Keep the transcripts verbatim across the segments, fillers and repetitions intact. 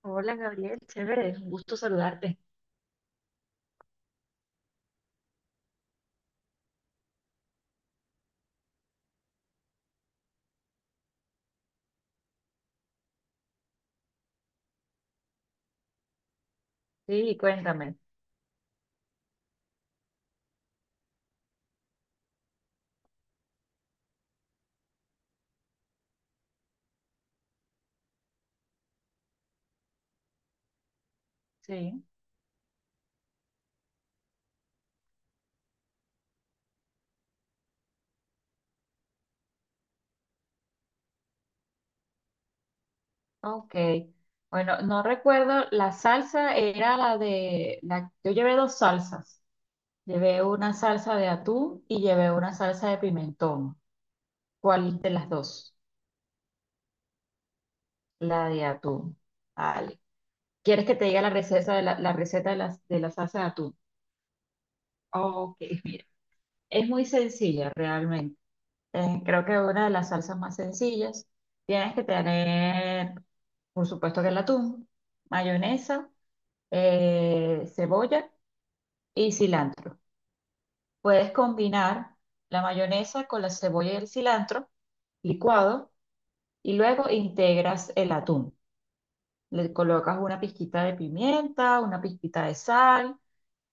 Hola Gabriel, chévere, un gusto saludarte. Sí, cuéntame. Sí, ok. Bueno, no recuerdo, la salsa era la de, la, yo llevé dos salsas. Llevé una salsa de atún y llevé una salsa de pimentón. ¿Cuál de las dos? La de atún. Vale. ¿Quieres que te diga la receta de la, la receta de la, de la salsa de atún? Ok, mira, es muy sencilla realmente. Es, creo que una de las salsas más sencillas. Tienes que tener, por supuesto que el atún, mayonesa, eh, cebolla y cilantro. Puedes combinar la mayonesa con la cebolla y el cilantro licuado y luego integras el atún. Le colocas una pizquita de pimienta, una pizquita de sal,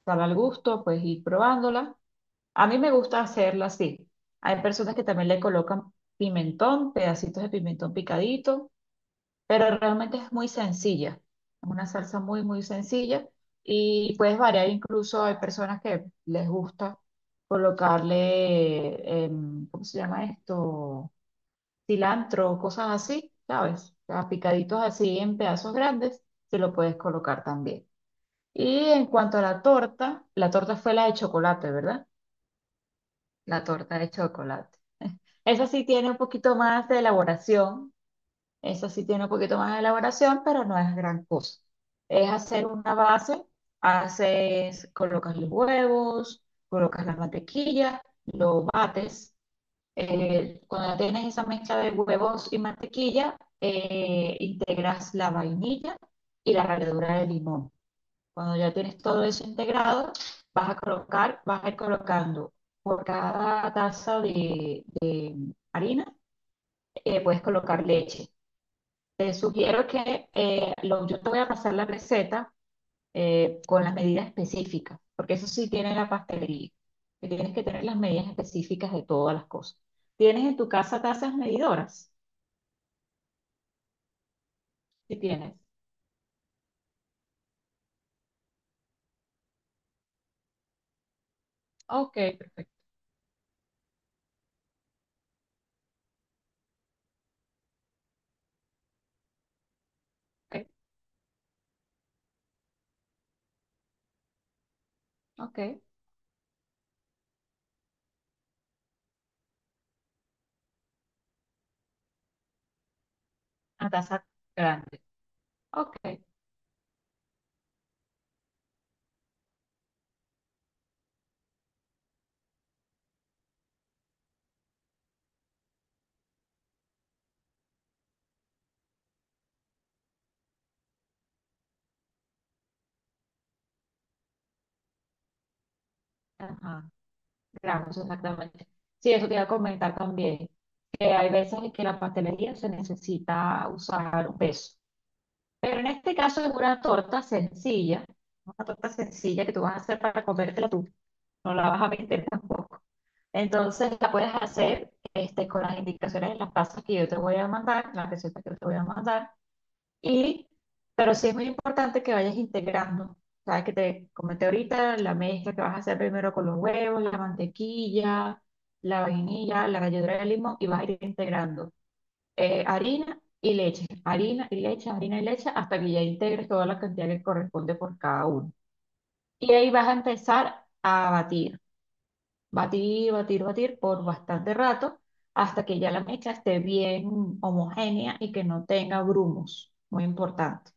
sal al gusto, puedes ir probándola. A mí me gusta hacerla así. Hay personas que también le colocan pimentón, pedacitos de pimentón picadito, pero realmente es muy sencilla. Es una salsa muy, muy sencilla y puedes variar. Incluso hay personas que les gusta colocarle, em, ¿cómo se llama esto? Cilantro, cosas así, ¿sabes? A picaditos así en pedazos grandes, se lo puedes colocar también. Y en cuanto a la torta, la torta fue la de chocolate, ¿verdad? La torta de chocolate. Esa sí tiene un poquito más de elaboración. Eso sí tiene un poquito más de elaboración, pero no es gran cosa. Es hacer una base, haces, colocas los huevos, colocas la mantequilla, lo bates. Eh, cuando tienes esa mezcla de huevos y mantequilla, eh, integras la vainilla y la ralladura de limón. Cuando ya tienes todo eso integrado, vas a colocar, vas a ir colocando por cada taza de, de harina, eh, puedes colocar leche. Te sugiero que eh, lo- yo te voy a pasar la receta eh, con las medidas específicas, porque eso sí tiene la pastelería, que tienes que tener las medidas específicas de todas las cosas. ¿Tienes en tu casa tazas medidoras? Sí tienes. Ok, perfecto. Ok, ok. Una taza grande. Ok, ajá, gramos exactamente. Sí, eso te iba a comentar también, que hay veces en que la pastelería se necesita usar un peso. Pero en este caso es una torta sencilla, una torta sencilla que tú vas a hacer para comértela tú, no la vas a vender tampoco. Entonces la puedes hacer este, con las indicaciones de las tazas que yo te voy a mandar, las recetas que yo te voy a mandar, y, pero sí es muy importante que vayas integrando. Sabes que te comenté ahorita la mezcla que vas a hacer primero con los huevos, la mantequilla, la vainilla, la ralladura de limón y vas a ir integrando eh, harina y leche, harina y leche, harina y leche, hasta que ya integres toda la cantidad que corresponde por cada uno. Y ahí vas a empezar a batir, batir, batir, batir por bastante rato, hasta que ya la mezcla esté bien homogénea y que no tenga grumos, muy importante,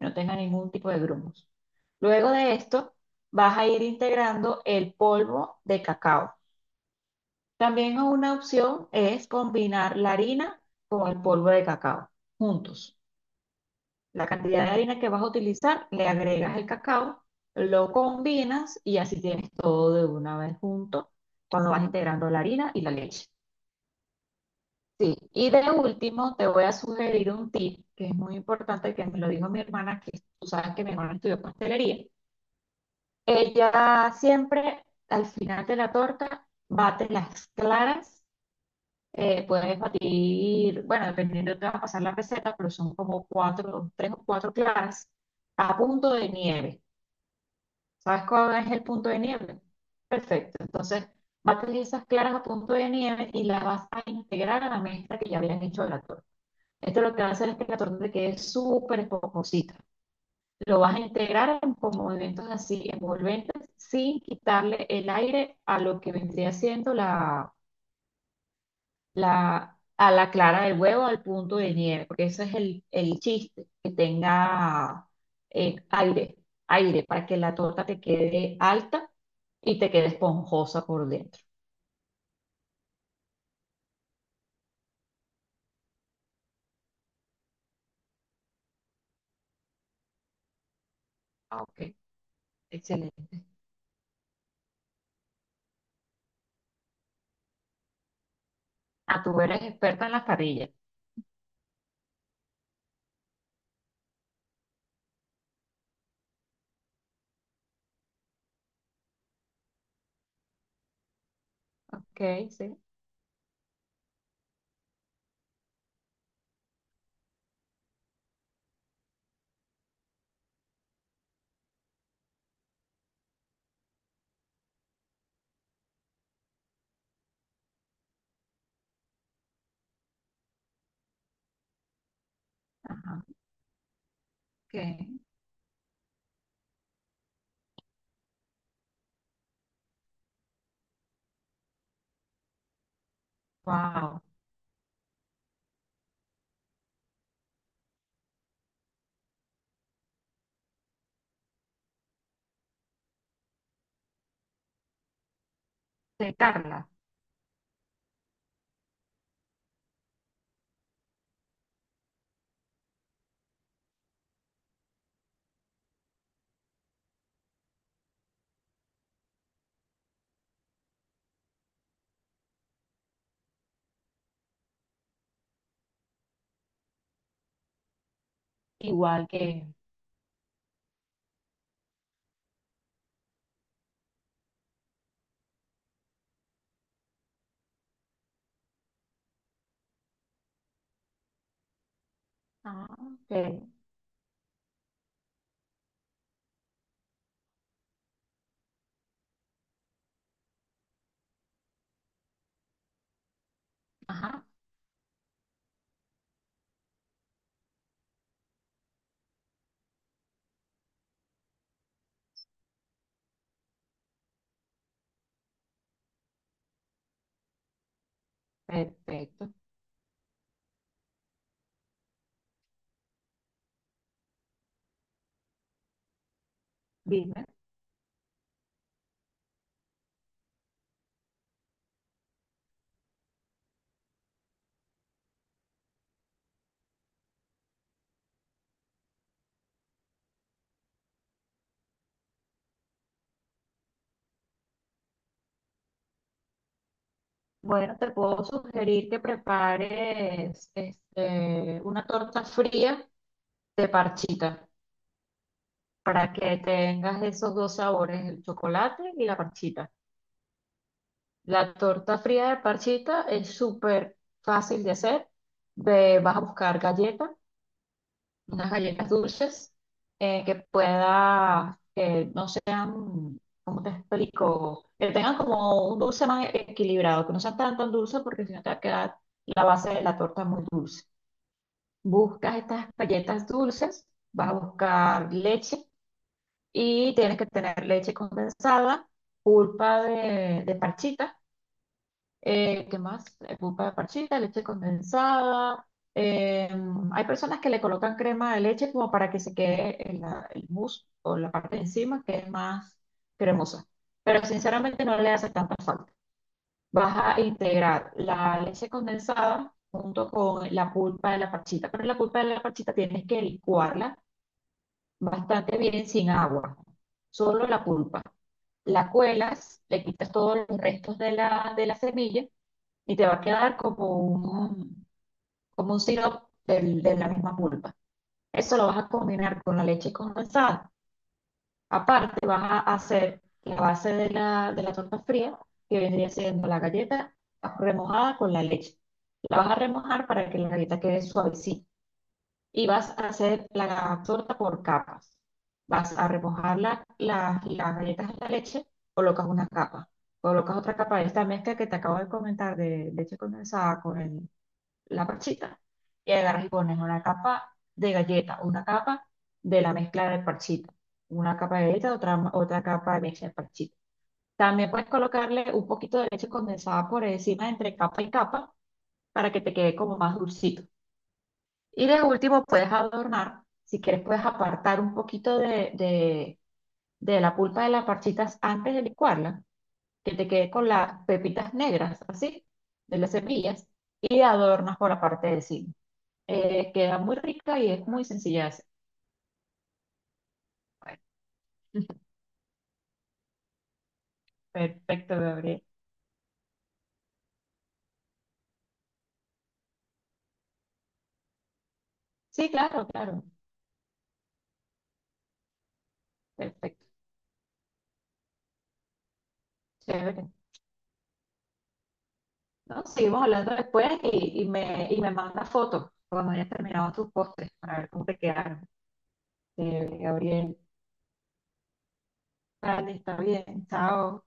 no tenga ningún tipo de grumos. Luego de esto, vas a ir integrando el polvo de cacao. También una opción es combinar la harina con el polvo de cacao juntos. La cantidad de harina que vas a utilizar, le agregas el cacao, lo combinas y así tienes todo de una vez junto cuando vas integrando la harina y la leche. Sí, y de último te voy a sugerir un tip que es muy importante, que me lo dijo mi hermana, que tú sabes que mi hermana estudió pastelería. Ella siempre al final de la torta bate las claras, eh, puedes batir, bueno, dependiendo de te va a pasar la receta, pero son como cuatro, tres o cuatro claras a punto de nieve. ¿Sabes cuál es el punto de nieve? Perfecto. Entonces, bates esas claras a punto de nieve y las vas a integrar a la mezcla que ya habían hecho de la torta. Esto lo que va a hacer es que la torta te quede súper esponjosita. Lo vas a integrar en- con movimientos así envolventes sin quitarle el aire a lo que vendría siendo la, a la clara del huevo al punto de nieve, porque ese es el, el chiste, que tenga eh, aire, aire para que la torta te quede alta y te quede esponjosa por dentro. Ah, ok, excelente. Ah, tú eres experta en las parrillas. Ok, sí. Ajá, ok. Wow. Sí, Carla, igual que... Ah, ok. Ajá, perfecto. Dime. Bueno, te puedo sugerir que prepares este, una torta fría de parchita para que tengas esos dos sabores, el chocolate y la parchita. La torta fría de parchita es súper fácil de hacer. Ve- vas a buscar galletas, unas galletas dulces eh, que puedas, que no sean, ¿cómo te explico? Que tengan como un dulce más equilibrado, que no sean tan tan dulces porque si no te va a quedar la base de la torta muy dulce. Buscas estas galletas dulces, vas a buscar leche y tienes que tener leche condensada, pulpa de, de parchita, eh, ¿qué más? Eh, Pulpa de parchita, leche condensada. eh, Hay personas que le colocan crema de leche como para que se quede el, la- el mousse o la parte de encima que es más cremosa, pero sinceramente no le hace tanta falta. Vas a integrar la leche condensada junto con la pulpa de la parchita, pero la pulpa de la parchita tienes que licuarla bastante bien sin agua, solo la pulpa. La cuelas, le quitas todos los restos de la, de la semilla y te va a quedar como un, como un sirope del- de la misma pulpa. Eso lo vas a combinar con la leche condensada. Aparte, vas a hacer la base de la, de la torta fría, que vendría siendo la galleta remojada con la leche. La vas a remojar para que la galleta quede suavecita. Y vas a hacer la torta por capas. Vas a remojar la- la- las galletas en la leche, colocas una capa. Colocas otra capa de esta mezcla que te acabo de comentar de leche condensada con el la parchita. Y agarras y pones una capa de galleta, una capa de la mezcla de parchita, una capa de galleta, otra, otra capa de mezcla de parchita. También puedes colocarle un poquito de leche condensada por encima entre capa y capa para que te quede como más dulcito. Y de último puedes adornar, si quieres puedes apartar un poquito de, de, de la pulpa de las parchitas antes de licuarla, que te quede con las pepitas negras, así, de las semillas, y adornas por la parte de encima. Eh, queda muy rica y es muy sencilla de hacer. Bueno, perfecto, Gabriel. Sí, claro, claro. Perfecto. Chévere. No, seguimos hablando después y, y me, y me manda fotos cuando hayas terminado tus postres para ver cómo te quedaron. Chévere, Gabriel. Vale, está bien. Chao.